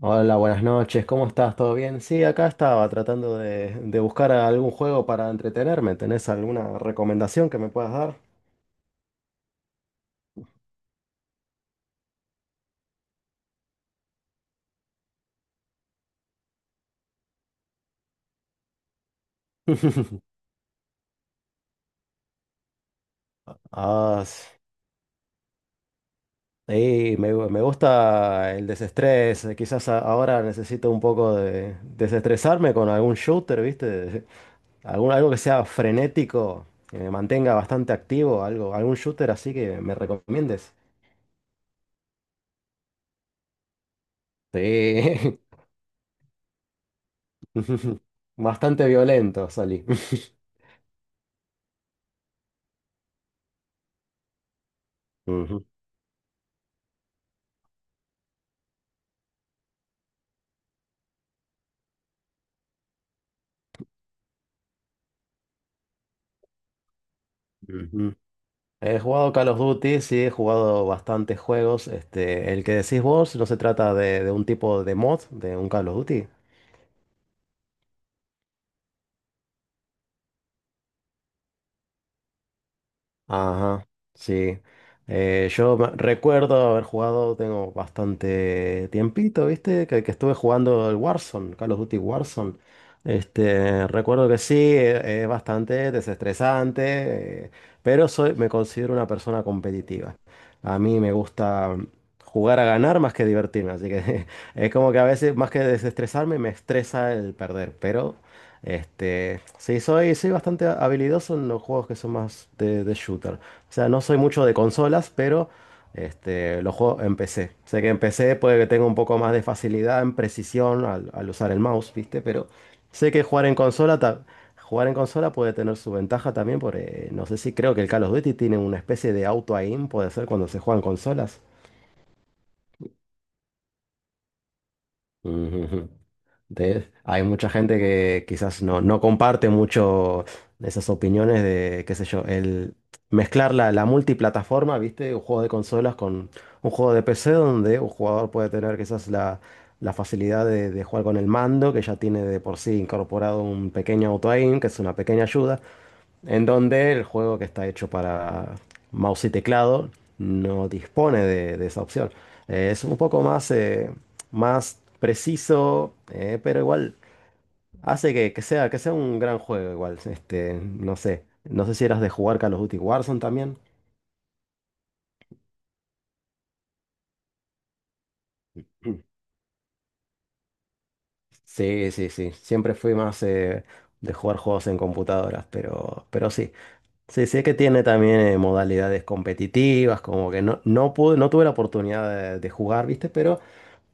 Hola, buenas noches, ¿cómo estás? ¿Todo bien? Sí, acá estaba tratando de buscar algún juego para entretenerme. ¿Tenés alguna recomendación que me puedas dar? Ah, sí, me gusta el desestrés. Quizás ahora necesito un poco de desestresarme con algún shooter, ¿viste? Algo que sea frenético, que me mantenga bastante activo, algo, algún shooter así que me recomiendes. Sí, bastante violento salí. Ujú, ujú. He jugado Call of Duty, sí, he jugado bastantes juegos. Este, el que decís vos no se trata de un tipo de mod de un Call of Duty. Ajá, sí. Yo recuerdo haber jugado, tengo bastante tiempito, ¿viste? Que estuve jugando el Warzone, Call of Duty Warzone. Este, recuerdo que sí, es bastante desestresante, pero me considero una persona competitiva. A mí me gusta jugar a ganar más que divertirme, así que es como que a veces más que desestresarme me estresa el perder, pero este, sí, soy bastante habilidoso en los juegos que son más de shooter. O sea, no soy mucho de consolas, pero este, los juegos en PC. Sé que en PC puede que tenga un poco más de facilidad en precisión al usar el mouse, ¿viste? Pero sé que jugar en consola puede tener su ventaja también, porque no sé si creo que el Call of Duty tiene una especie de auto-aim, puede ser cuando se juegan consolas. Hay mucha gente que quizás no, no comparte mucho esas opiniones de, qué sé yo, el mezclar la multiplataforma, ¿viste? Un juego de consolas con un juego de PC donde un jugador puede tener quizás la facilidad de jugar con el mando, que ya tiene de por sí incorporado un pequeño auto-aim, que es una pequeña ayuda, en donde el juego que está hecho para mouse y teclado no dispone de esa opción. Es un poco más preciso, pero igual hace que sea un gran juego igual. Este, no sé si eras de jugar Call of Duty Warzone también. Sí, sí, sí. Siempre fui más de jugar juegos en computadoras, pero sí. Sí, sí que tiene también modalidades competitivas, como que no pude, no tuve la oportunidad de jugar, ¿viste? Pero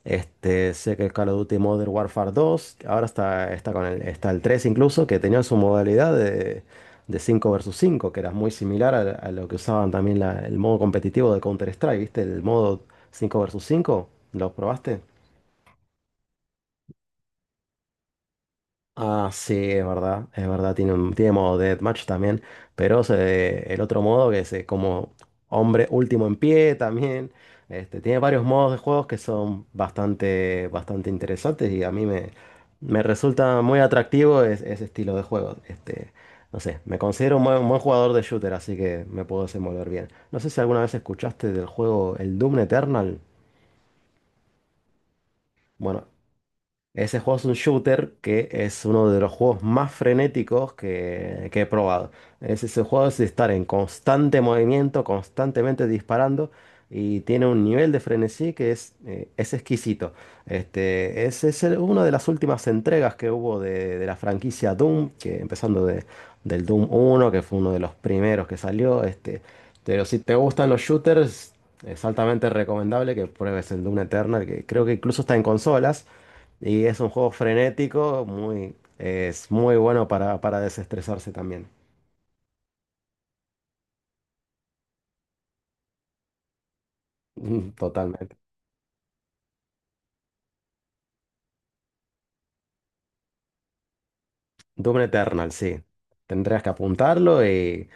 este, sé que el Call of Duty Modern Warfare dos ahora está está el 3 incluso, que tenía su modalidad de 5 versus 5 que era muy similar a lo que usaban también el modo competitivo de Counter-Strike, ¿viste? El modo 5 versus cinco, ¿lo probaste? Ah, sí, es verdad, tiene modo deathmatch también, pero el otro modo que es como hombre último en pie también, este, tiene varios modos de juegos que son bastante, bastante interesantes y a mí me resulta muy atractivo ese estilo de juego, este, no sé, me considero un buen jugador de shooter, así que me puedo desenvolver bien. No sé si alguna vez escuchaste del juego el Doom Eternal. Bueno, ese juego es un shooter que es uno de los juegos más frenéticos que he probado. Es ese juego es de estar en constante movimiento, constantemente disparando y tiene un nivel de frenesí que es exquisito. Este, es una de las últimas entregas que hubo de la franquicia Doom, que empezando del Doom uno, que fue uno de los primeros que salió. Este, pero si te gustan los shooters, es altamente recomendable que pruebes el Doom Eternal, que creo que incluso está en consolas. Y es un juego frenético, muy, es muy bueno para desestresarse también. Mm. Totalmente. Doom Eternal, sí. Tendrías que apuntarlo y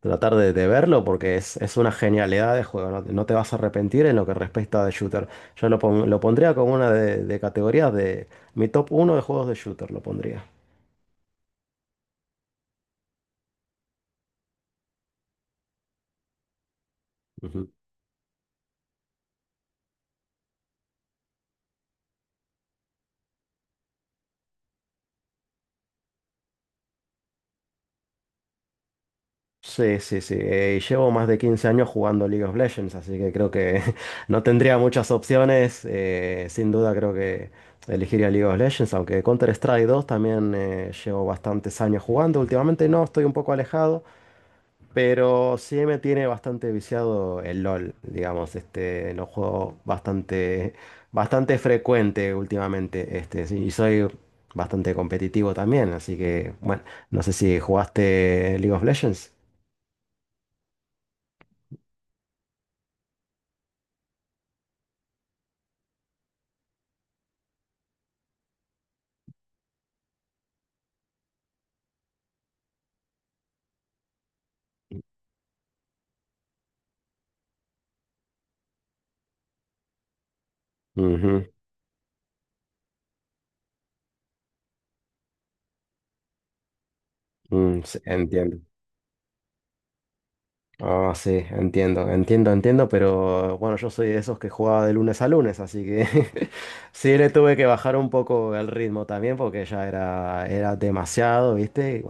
tratar de verlo porque es una genialidad de juego. No, no te vas a arrepentir en lo que respecta de shooter. Yo lo pondría como una de categorías de mi top uno de juegos de shooter, lo pondría. Ujú. Sí, sí, sí. Y llevo más de 15 años jugando League of Legends, así que creo que no tendría muchas opciones. Sin duda creo que elegiría League of Legends, aunque Counter-Strike 2 también llevo bastantes años jugando. Últimamente no, estoy un poco alejado, pero sí me tiene bastante viciado el LOL, digamos. Este, lo juego bastante, bastante frecuente últimamente, este, sí, y soy bastante competitivo también, así que bueno, no sé si jugaste League of Legends. Ujú. Mm, sí, entiendo. Ah, sí, entiendo, entiendo, entiendo, pero bueno, yo soy de esos que jugaba de lunes a lunes, así que sí le tuve que bajar un poco el ritmo también porque ya era demasiado, ¿viste?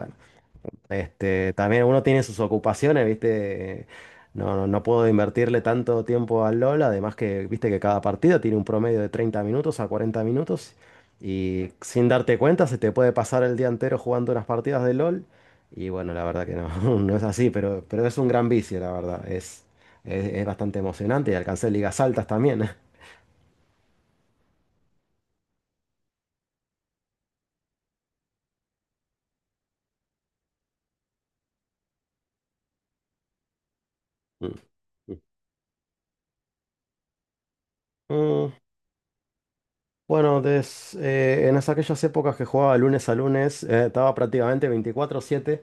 Este, también uno tiene sus ocupaciones, ¿viste? No, no, no puedo invertirle tanto tiempo al LOL, además que, viste que cada partido tiene un promedio de 30 minutos a 40 minutos y sin darte cuenta se te puede pasar el día entero jugando unas partidas de LOL y bueno, la verdad que no, no es así, pero es un gran vicio, la verdad, es bastante emocionante y alcancé ligas altas también. Mm. Mm, bueno, en aquellas épocas que jugaba lunes a lunes, estaba prácticamente 24/7.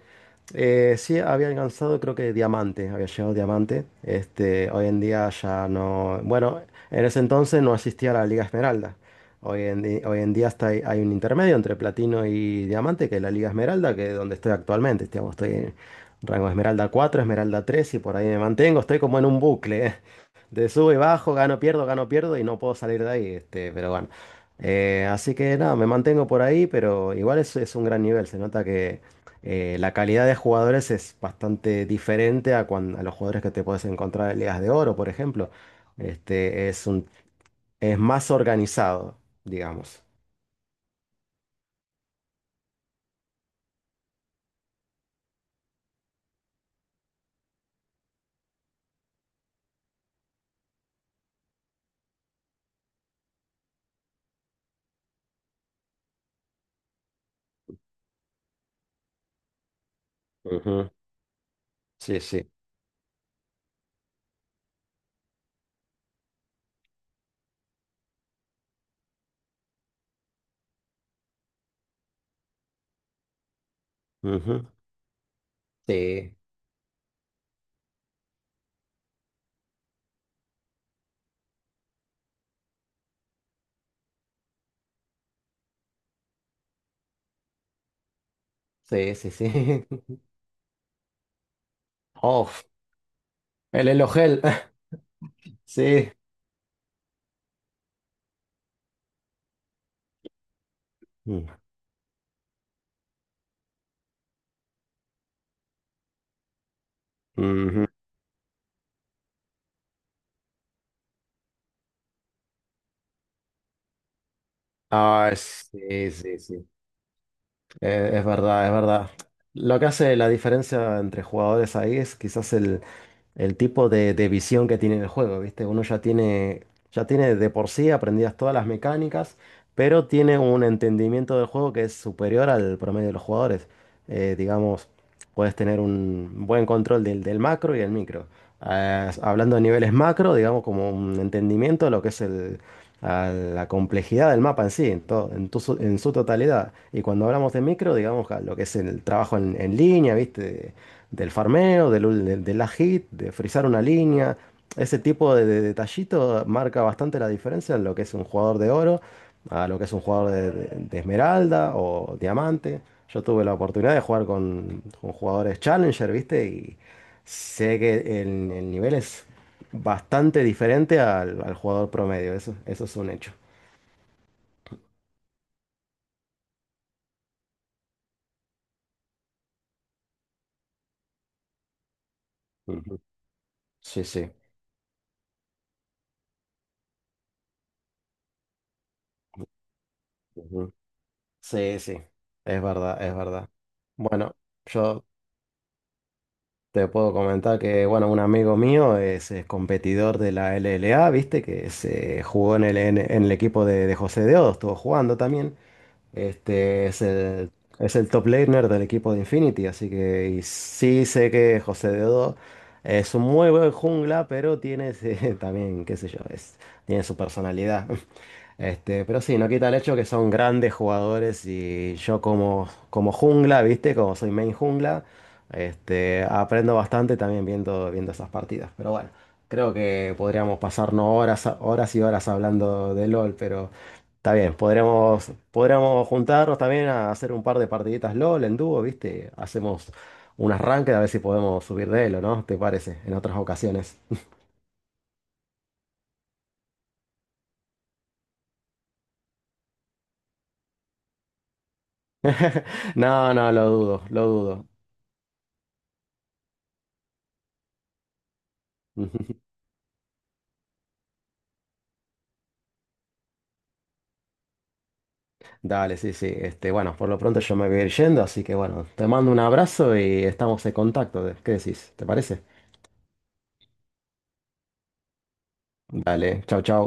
Sí, había alcanzado creo que diamante, había llegado diamante. Este, hoy en día ya no, bueno, en ese entonces no existía la Liga Esmeralda. Hoy en día hay un intermedio entre platino y diamante, que es la Liga Esmeralda, que es donde estoy actualmente. Digamos, estoy en rango Esmeralda 4 Esmeralda 3 y por ahí me mantengo. Estoy como en un bucle, ¿eh? De subo y bajo, gano, pierdo y no puedo salir de ahí. Este, pero bueno. Así que nada, me mantengo por ahí, pero igual es un gran nivel. Se nota que la calidad de jugadores es bastante diferente a, a los jugadores que te puedes encontrar en ligas de oro, por ejemplo. Este es más organizado, digamos. Ujú. Sí, sí. Ujú. Sí, sí, sí, sí. Oh, el elogel. Sí. Mm. Ujú. Ah, sí, sí, sí. Es verdad, es verdad. Lo que hace la diferencia entre jugadores ahí es quizás el tipo de visión que tiene el juego, ¿viste? Uno ya tiene de por sí aprendidas todas las mecánicas, pero tiene un entendimiento del juego que es superior al promedio de los jugadores. Digamos, puedes tener un buen control del macro y el micro. Ah, hablando de niveles macro, digamos, como un entendimiento de lo que es a la complejidad del mapa en sí, en, to- en, tu su- en su totalidad. Y cuando hablamos de micro, digamos, a lo que es el trabajo en línea, ¿viste? Del farmeo, del last hit, de frizar una línea. Ese tipo de detallito marca bastante la diferencia en lo que es un jugador de oro a lo que es un jugador de esmeralda o diamante. Yo tuve la oportunidad de jugar con jugadores Challenger, ¿viste? Y sé que el nivel es bastante diferente al jugador promedio. Eso es un hecho. Ujú. Sí, sí. Ujú. Sí, sí. Es verdad, es verdad. Bueno, yo te puedo comentar que, bueno, un amigo mío es, competidor de la LLA, viste, que se jugó en el equipo de José Deodo, estuvo jugando también. Este es el top laner del equipo de Infinity, así que y sí sé que José Deodo es un muy buen jungla, pero tiene también, qué sé yo, tiene su personalidad. Este, pero sí, no quita el hecho que son grandes jugadores y yo como jungla, ¿viste? Como soy main jungla, este, aprendo bastante también viendo esas partidas. Pero bueno, creo que podríamos pasarnos horas, horas y horas hablando de LOL, pero está bien, podríamos, podríamos juntarnos también a hacer un par de partiditas LOL en dúo, ¿viste? Hacemos un arranque a ver si podemos subir de elo, ¿no? ¿Te parece? En otras ocasiones. No, no, lo dudo, lo dudo. Dale, sí, sí. Este, bueno, por lo pronto yo me voy a ir yendo, así que bueno, te mando un abrazo y estamos en contacto. ¿Qué decís? ¿Te parece? Dale, chau, chau.